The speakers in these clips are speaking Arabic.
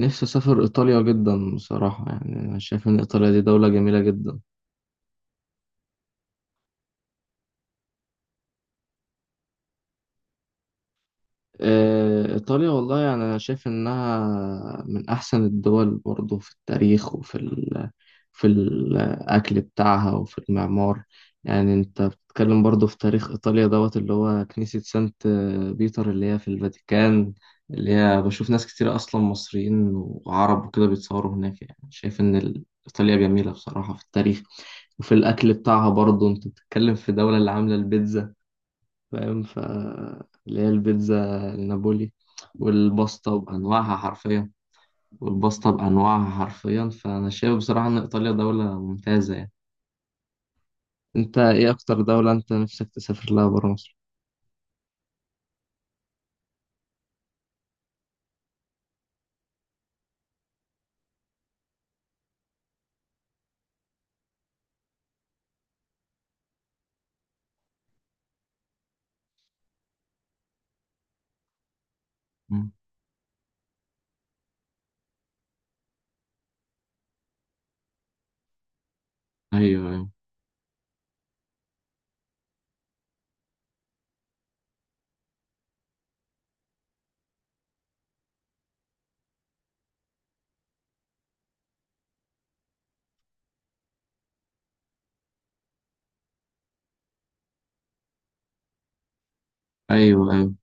نفسي أسافر إيطاليا جدا بصراحة يعني أنا شايف إن إيطاليا دي دولة جميلة جدا. إيطاليا والله يعني أنا شايف إنها من أحسن الدول برضه في التاريخ وفي ال في الأكل بتاعها وفي المعمار. يعني أنت بتتكلم برضو في تاريخ إيطاليا دوت، اللي هو كنيسة سانت بيتر اللي هي في الفاتيكان، اللي هي بشوف ناس كتير أصلا مصريين وعرب وكده بيتصوروا هناك. يعني شايف إن إيطاليا جميلة بصراحة في التاريخ وفي الأكل بتاعها. برضو أنت بتتكلم في دولة اللي عاملة البيتزا، فاهم؟ اللي هي البيتزا النابولي، والباستا بأنواعها حرفيا والباستا بأنواعها حرفيا. فأنا شايف بصراحة إن إيطاليا دولة ممتازة يعني. أنت إيه أكتر دولة أنت نفسك تسافر لها برا مصر؟ مم. أيوه، أيوه، أيوه، أيوه،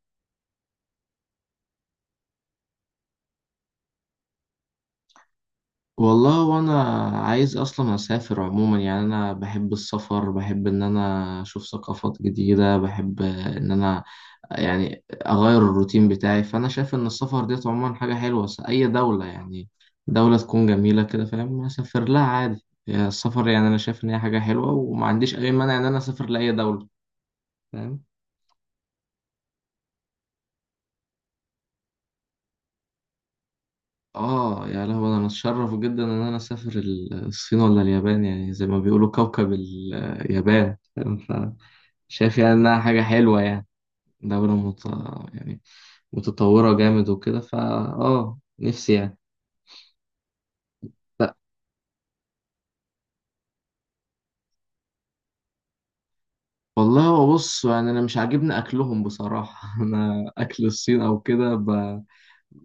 والله وانا عايز اصلا اسافر عموما. يعني انا بحب السفر، بحب ان انا اشوف ثقافات جديدة، بحب ان انا يعني اغير الروتين بتاعي. فانا شايف ان السفر ديت عموما حاجة حلوة. اي دولة يعني دولة تكون جميلة كده، فاهم، اسافر لها عادي. يعني السفر يعني انا شايف ان هي حاجة حلوة، وما عنديش اي مانع ان انا اسافر لاي دولة، فاهم. اه، يا لهوي، انا اتشرف جدا ان انا اسافر الصين ولا اليابان. يعني زي ما بيقولوا كوكب اليابان، فاهم؟ شايف يعني انها حاجة حلوة يعني. دولة يعني متطورة جامد وكده. فا اه نفسي يعني. لا، والله هو بص، يعني انا مش عاجبني اكلهم بصراحة. انا اكل الصين او كده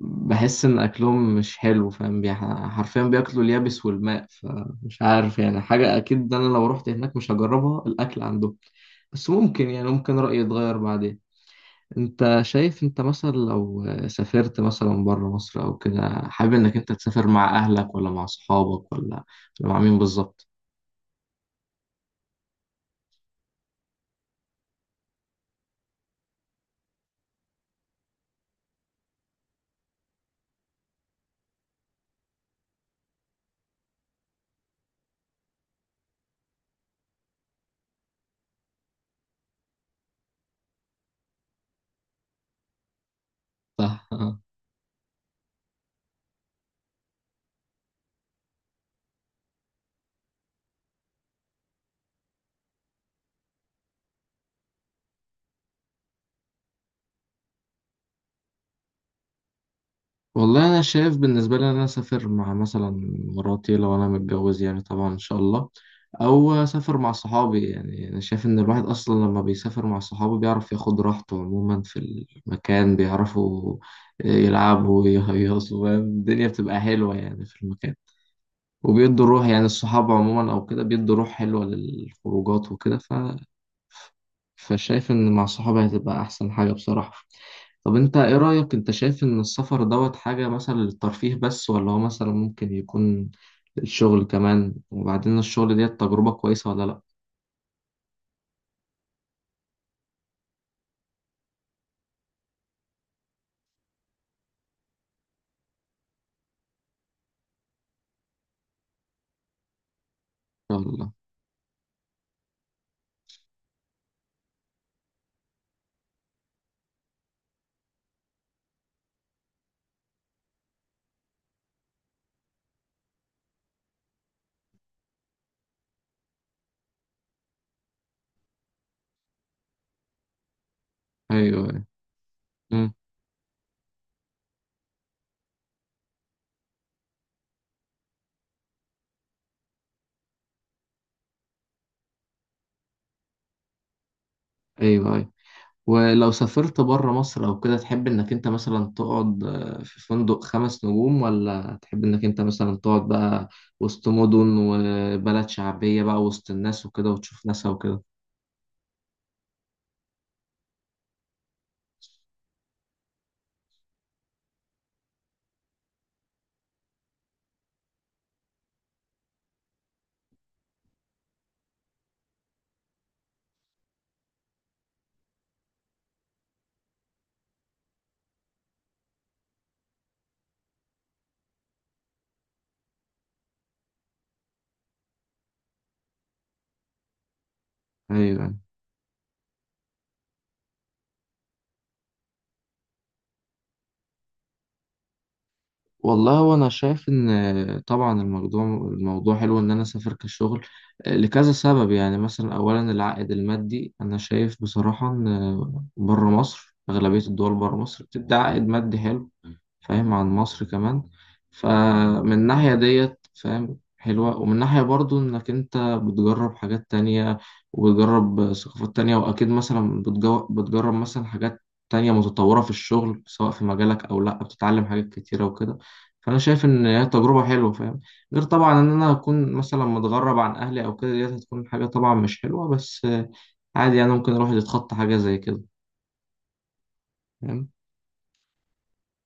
بحس ان اكلهم مش حلو، فاهم، حرفيا بياكلوا اليابس والماء. فمش عارف يعني، حاجة اكيد ده انا لو رحت هناك مش هجربها الاكل عندهم. بس ممكن يعني ممكن رأيي يتغير بعدين. انت شايف انت مثلا لو سافرت مثلا بره مصر او كده، حابب انك انت تسافر مع اهلك ولا مع صحابك ولا مع مين بالظبط؟ ف- والله انا شايف بالنسبه لي ان انا اسافر مع مثلا مراتي لو انا متجوز يعني، طبعا ان شاء الله، او اسافر مع صحابي. يعني انا شايف ان الواحد اصلا لما بيسافر مع صحابه بيعرف ياخد راحته عموما في المكان، بيعرفوا يلعبوا ويهيصوا، فاهم؟ الدنيا بتبقى حلوه يعني في المكان. وبيدوا روح، يعني الصحاب عموما أو كده بيدوا روح حلوة للخروجات وكده. فشايف إن مع صحابي هتبقى أحسن حاجة بصراحة. طب أنت إيه رأيك، أنت شايف إن السفر دوت حاجة مثلا للترفيه بس، ولا هو مثلا ممكن يكون للشغل كمان؟ وبعدين الشغل ديت تجربة كويسة ولا لأ؟ إن شاء الله. أيوه، أيوه. أمم. أيوه. ولو سافرت بره مصر او كده، تحب انك انت مثلا تقعد في فندق خمس نجوم، ولا تحب انك انت مثلا تقعد بقى وسط مدن وبلد شعبية بقى وسط الناس وكده وتشوف ناسها وكده؟ ايوه. والله وانا شايف ان طبعا الموضوع حلو ان انا اسافر كشغل، لكذا سبب. يعني مثلا اولا العائد المادي، انا شايف بصراحة ان بره مصر اغلبية الدول بره مصر بتدي عائد مادي حلو، فاهم، عن مصر كمان. فمن الناحية ديت فاهم حلوة، ومن ناحية برضو إنك أنت بتجرب حاجات تانية وبتجرب ثقافات تانية. وأكيد مثلا بتجرب مثلا حاجات تانية متطورة في الشغل، سواء في مجالك أو لأ، بتتعلم حاجات كتيرة وكده. فأنا شايف إن هي تجربة حلوة، فاهم. غير طبعا إن أنا أكون مثلا متغرب عن أهلي أو كده، ديت هتكون حاجة طبعا مش حلوة، بس عادي يعني، ممكن الواحد يتخطى حاجة زي كده، فاهم.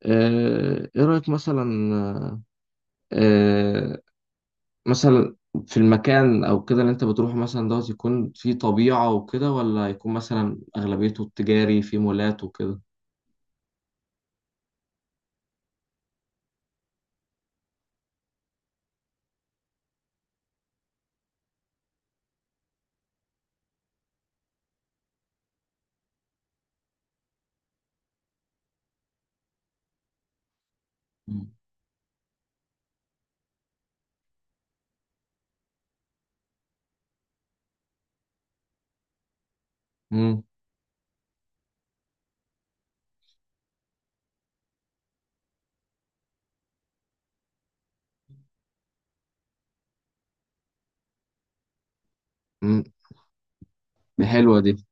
إيه رأيك آه، مثلا في المكان او كده اللي انت بتروحه مثلا دوت، يكون فيه طبيعة وكده، ولا يكون مثلا اغلبيته التجاري فيه مولات وكده؟ امم. امم. حلوة دي.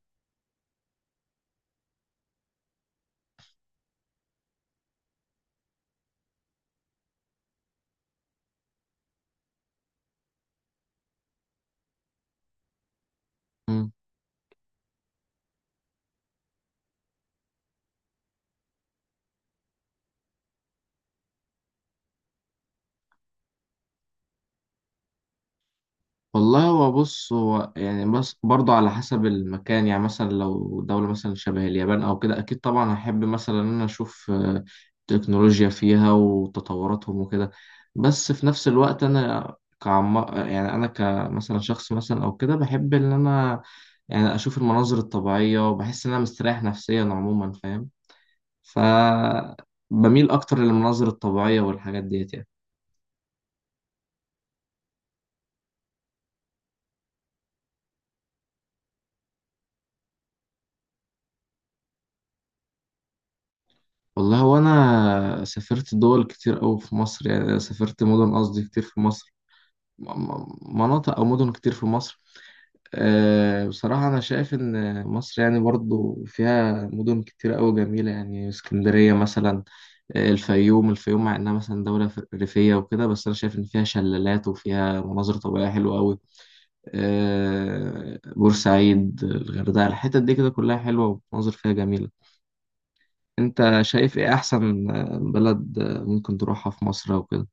والله هو بص، هو يعني بس برضه على حسب المكان. يعني مثلا لو دولة مثلا شبه اليابان أو كده أكيد طبعا هحب مثلا إن أنا أشوف تكنولوجيا فيها وتطوراتهم وكده. بس في نفس الوقت أنا كعم، يعني أنا كمثلا شخص مثلا أو كده بحب إن أنا يعني أشوف المناظر الطبيعية وبحس إن أنا مستريح نفسيا عموما، فاهم. ف بميل أكتر للمناظر الطبيعية والحاجات ديت يعني. والله هو انا سافرت دول كتير قوي في مصر، يعني سافرت مدن، قصدي كتير في مصر، مناطق او مدن كتير في مصر. أه، بصراحة انا شايف ان مصر يعني برضو فيها مدن كتير قوي جميلة. يعني اسكندرية مثلا، الفيوم، الفيوم مع انها مثلا دولة ريفية وكده، بس انا شايف ان فيها شلالات وفيها مناظر طبيعية حلوة قوي. أه، بورسعيد، الغردقة، الحتت دي كده كلها حلوة ومناظر فيها جميلة. انت شايف ايه احسن بلد ممكن تروحها في مصر او كده؟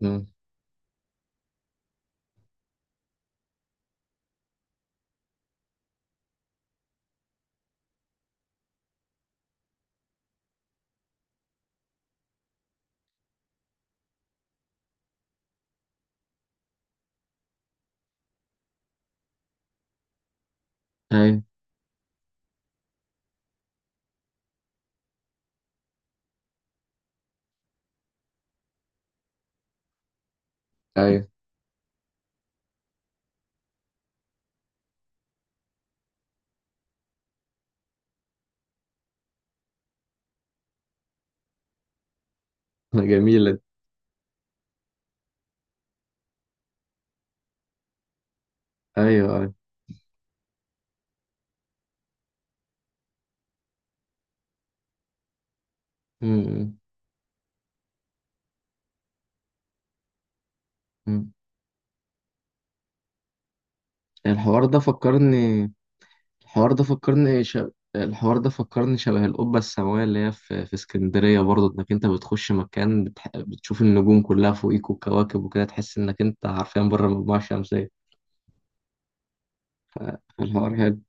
مم. ايوه، ايوه. جميلة. ايوه، ايوه. مم. مم. الحوار ده فكرني الحوار ده فكرني ش... الحوار ده فكرني شبه القبة السماوية اللي هي في اسكندرية. برضه انك انت بتخش مكان بتشوف النجوم كلها فوقيك والكواكب وكده، تحس انك انت حرفيا بره المجموعة الشمسية. الحوار حلو.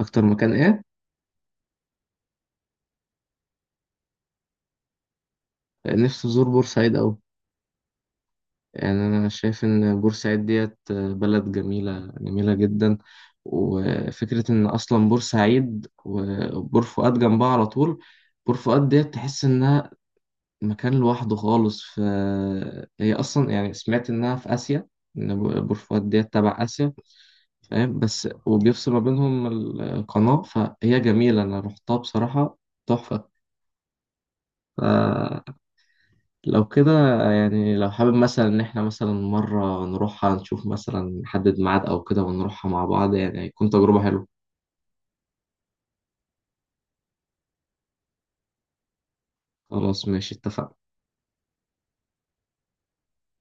اكتر مكان ايه؟ نفسي ازور بورسعيد اوي. يعني أنا شايف إن بورسعيد ديت بلد جميلة جميلة جدا. وفكرة إن أصلا بورسعيد وبور فؤاد جنبها على طول، بور فؤاد ديت تحس إنها مكان لوحده خالص. هي أصلا يعني سمعت إنها في آسيا، إن بور فؤاد ديت تبع آسيا، فاهم. بس وبيفصل ما بينهم القناة، فهي جميلة، أنا رحتها بصراحة تحفة. ف... لو كده يعني، لو حابب مثلا إن إحنا مثلا مرة نروحها، نشوف مثلا نحدد ميعاد أو كده، ونروحها مع بعض، يعني هيكون تجربة حلوة. خلاص، ماشي، اتفقنا.